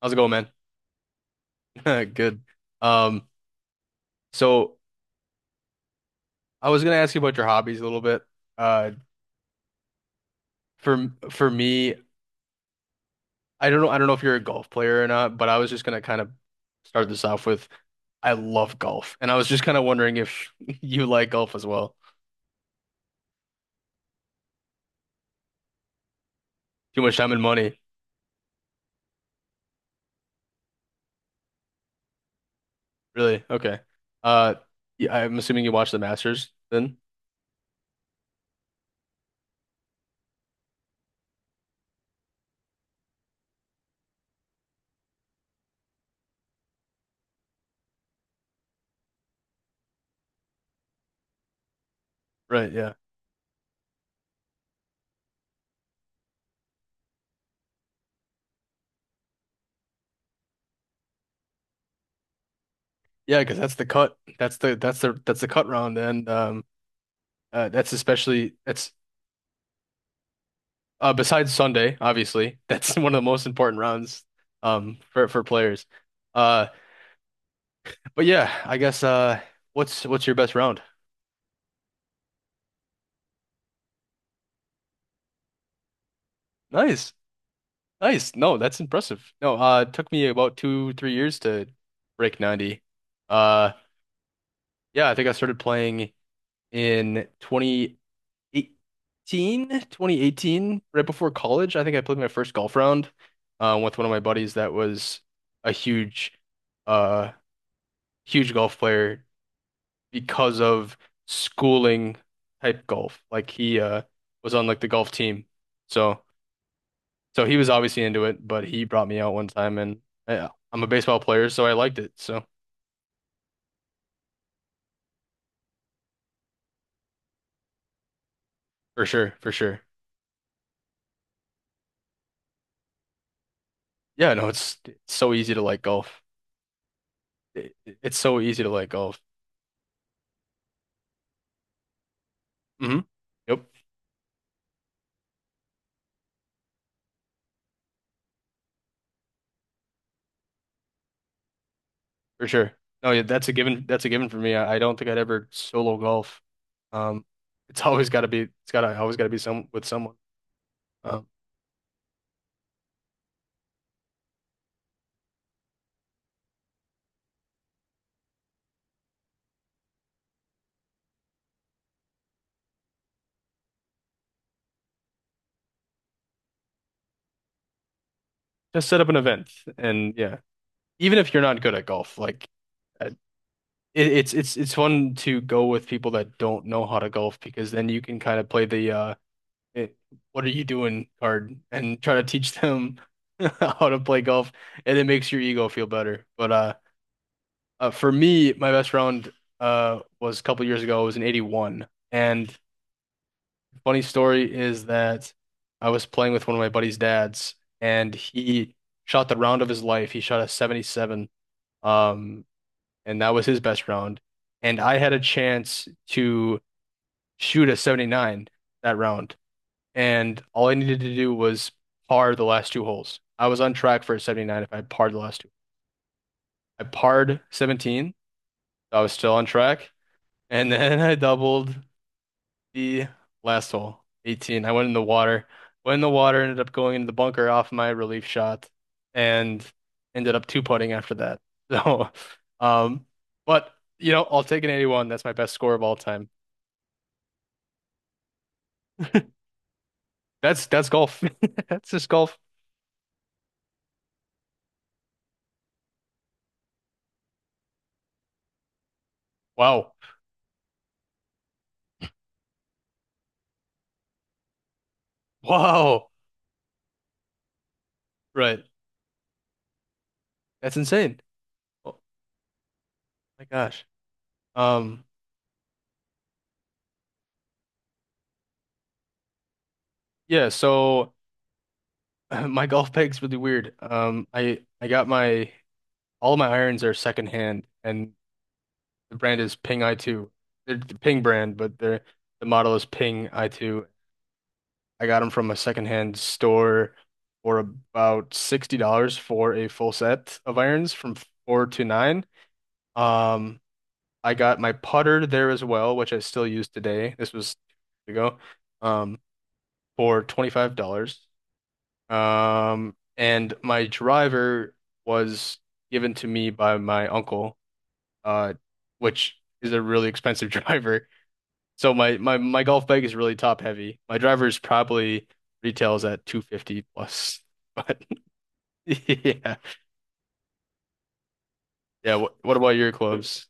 How's it going, man? Good. Um, so I was gonna ask you about your hobbies a little bit. Uh, for me, I don't know. I don't know if you're a golf player or not, but I was just gonna kind of start this off with I love golf, and I was just kind of wondering if you like golf as well. Too much time and money, really? Okay. Uh, yeah, I'm assuming you watch the Masters then, right? Yeah, yeah, because that's the cut. That's the cut round, and that's especially that's besides Sunday, obviously, that's one of the most important rounds for players. Uh, but yeah, I guess what's your best round? Nice, nice. No, that's impressive. No, it took me about two three years to break 90. Uh, yeah, I think I started playing in twenty eighteen right before college. I think I played my first golf round with one of my buddies that was a uh, huge golf player because of schooling type golf. Like he was on like the golf team. So so he was obviously into it, but he brought me out one time and yeah, I'm a baseball player, so I liked it. So for sure, for sure. Yeah, no, it's so easy to like golf. It, it's so easy to like golf. Hmm. Yep, for sure. No, yeah, that's a given. That's a given for me. I don't think I'd ever solo golf. Um, it's always got to be. It's got to always got to be some with someone. Um, just set up an event, and yeah, even if you're not good at golf, like it, it's fun to go with people that don't know how to golf because then you can kind of play the it, what are you doing card and try to teach them how to play golf, and it makes your ego feel better. But for me, my best round was a couple years ago. It was an 81, and funny story is that I was playing with one of my buddy's dads, and he shot the round of his life. He shot a 77. Um, and that was his best round. And I had a chance to shoot a 79 that round, and all I needed to do was par the last two holes. I was on track for a 79 if I parred the last two. I parred 17, so I was still on track, and then I doubled, the last hole, 18. I went in the water. Went in the water, ended up going into the bunker off my relief shot, and ended up two putting after that. So, um, but I'll take an 81. That's my best score of all time. That's golf. That's just golf. Wow. Wow. Right. That's insane. Oh my gosh. Um, yeah, so my golf bag's really weird. I got my All my irons are secondhand, and the brand is Ping i2. They're the Ping brand, but they're the model is Ping i2. I got them from a secondhand store for about $60 for a full set of irons from four to nine. Um, I got my putter there as well, which I still use today. This was 2 years ago, um, for $25. And my driver was given to me by my uncle, uh, which is a really expensive driver. So my golf bag is really top heavy. My driver's probably retails at 250 plus. But yeah. Yeah, what about your clubs?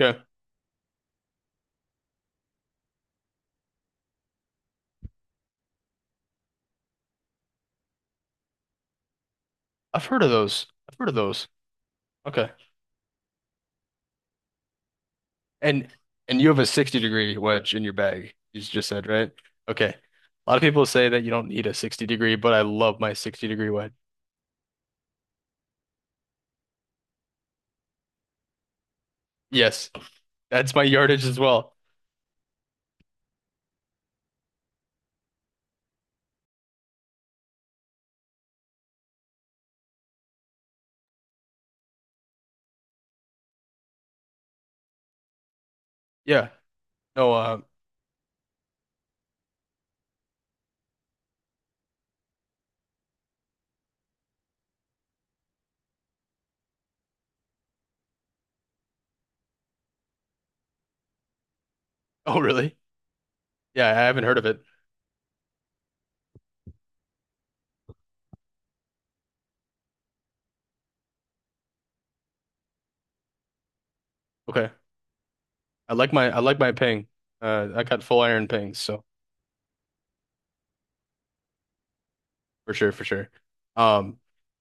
Okay. I've heard of those. I've heard of those. Okay. And and you have a 60-degree wedge in your bag. You just said, right? Okay. A lot of people say that you don't need a 60 degree, but I love my 60-degree wedge. Yes. That's my yardage as well. Yeah. No, oh, really? Yeah, I haven't heard of it. Okay. I like my Ping. I got full iron pings, so for sure, for sure. Um,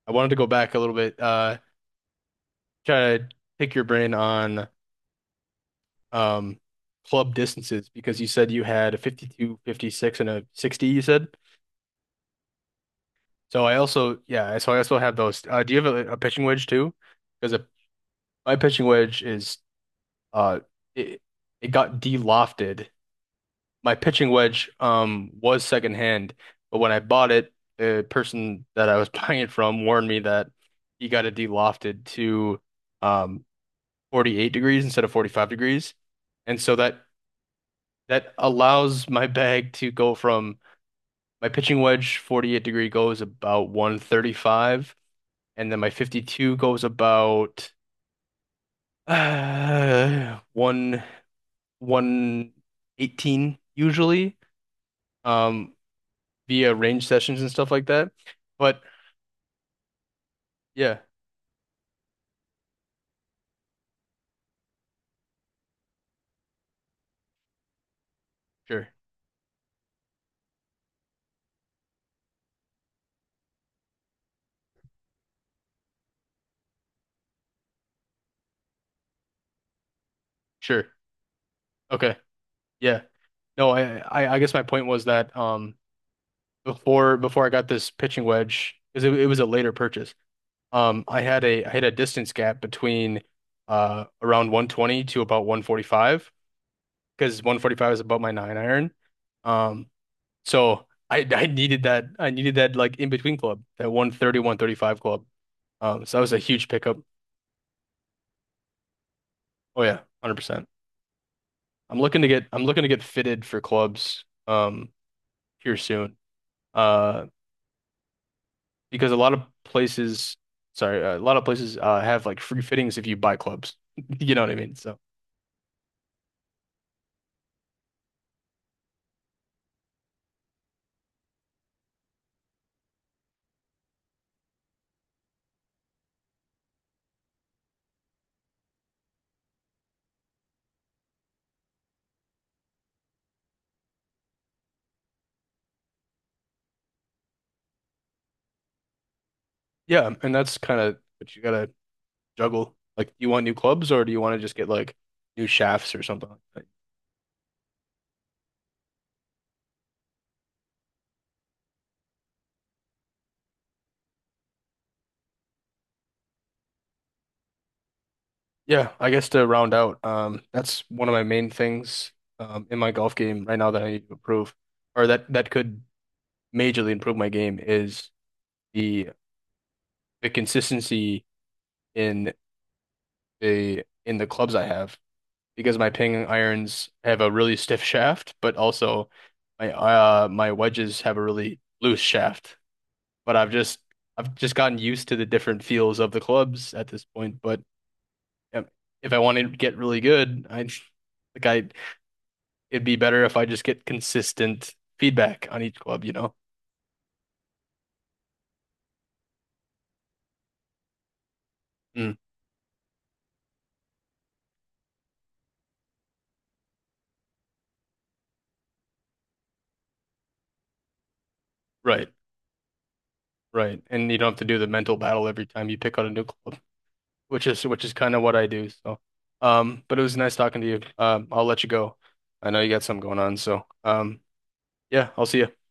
I wanted to go back a little bit, try to pick your brain on um club distances because you said you had a 52, 56, and a 60, you said. So I also, yeah, so I also have those. Do you have a pitching wedge too? Because a, my pitching wedge uh it, it got de-lofted. My pitching wedge was secondhand, but when I bought it, the person that I was buying it from warned me that he got it de-lofted to um 48 degrees instead of 45 degrees. And so that allows my bag to go from my pitching wedge 48-degree goes about 135, and then my 52 goes about 1 118 usually um via range sessions and stuff like that. But yeah, sure. Sure. Okay. Yeah. No, I guess my point was that before I got this pitching wedge because it was a later purchase. I had a distance gap between around 120 to about 145 because 145 is about my nine iron. Um, so I needed that like in between club that one thirty one thirty five club. So that was a huge pickup. Oh yeah, 100%. I'm looking to get fitted for clubs here soon. Uh, because a lot of places, sorry, a lot of places have like free fittings if you buy clubs. You know what I mean? So. Yeah, and that's kind of what you gotta juggle. Like, do you want new clubs or do you want to just get like new shafts or something like that? Yeah, I guess to round out, that's one of my main things in my golf game right now that I need to improve, or that could majorly improve my game is the the consistency in in the clubs I have because my Ping irons have a really stiff shaft, but also my my wedges have a really loose shaft. But I've just gotten used to the different feels of the clubs at this point. But um, if I want to get really good, I like I it'd be better if I just get consistent feedback on each club, you know? Mm, right, right. And you don't have to do the mental battle every time you pick out a new club, which is kind of what I do. So, but it was nice talking to you. I'll let you go. I know you got something going on, so yeah, I'll see you.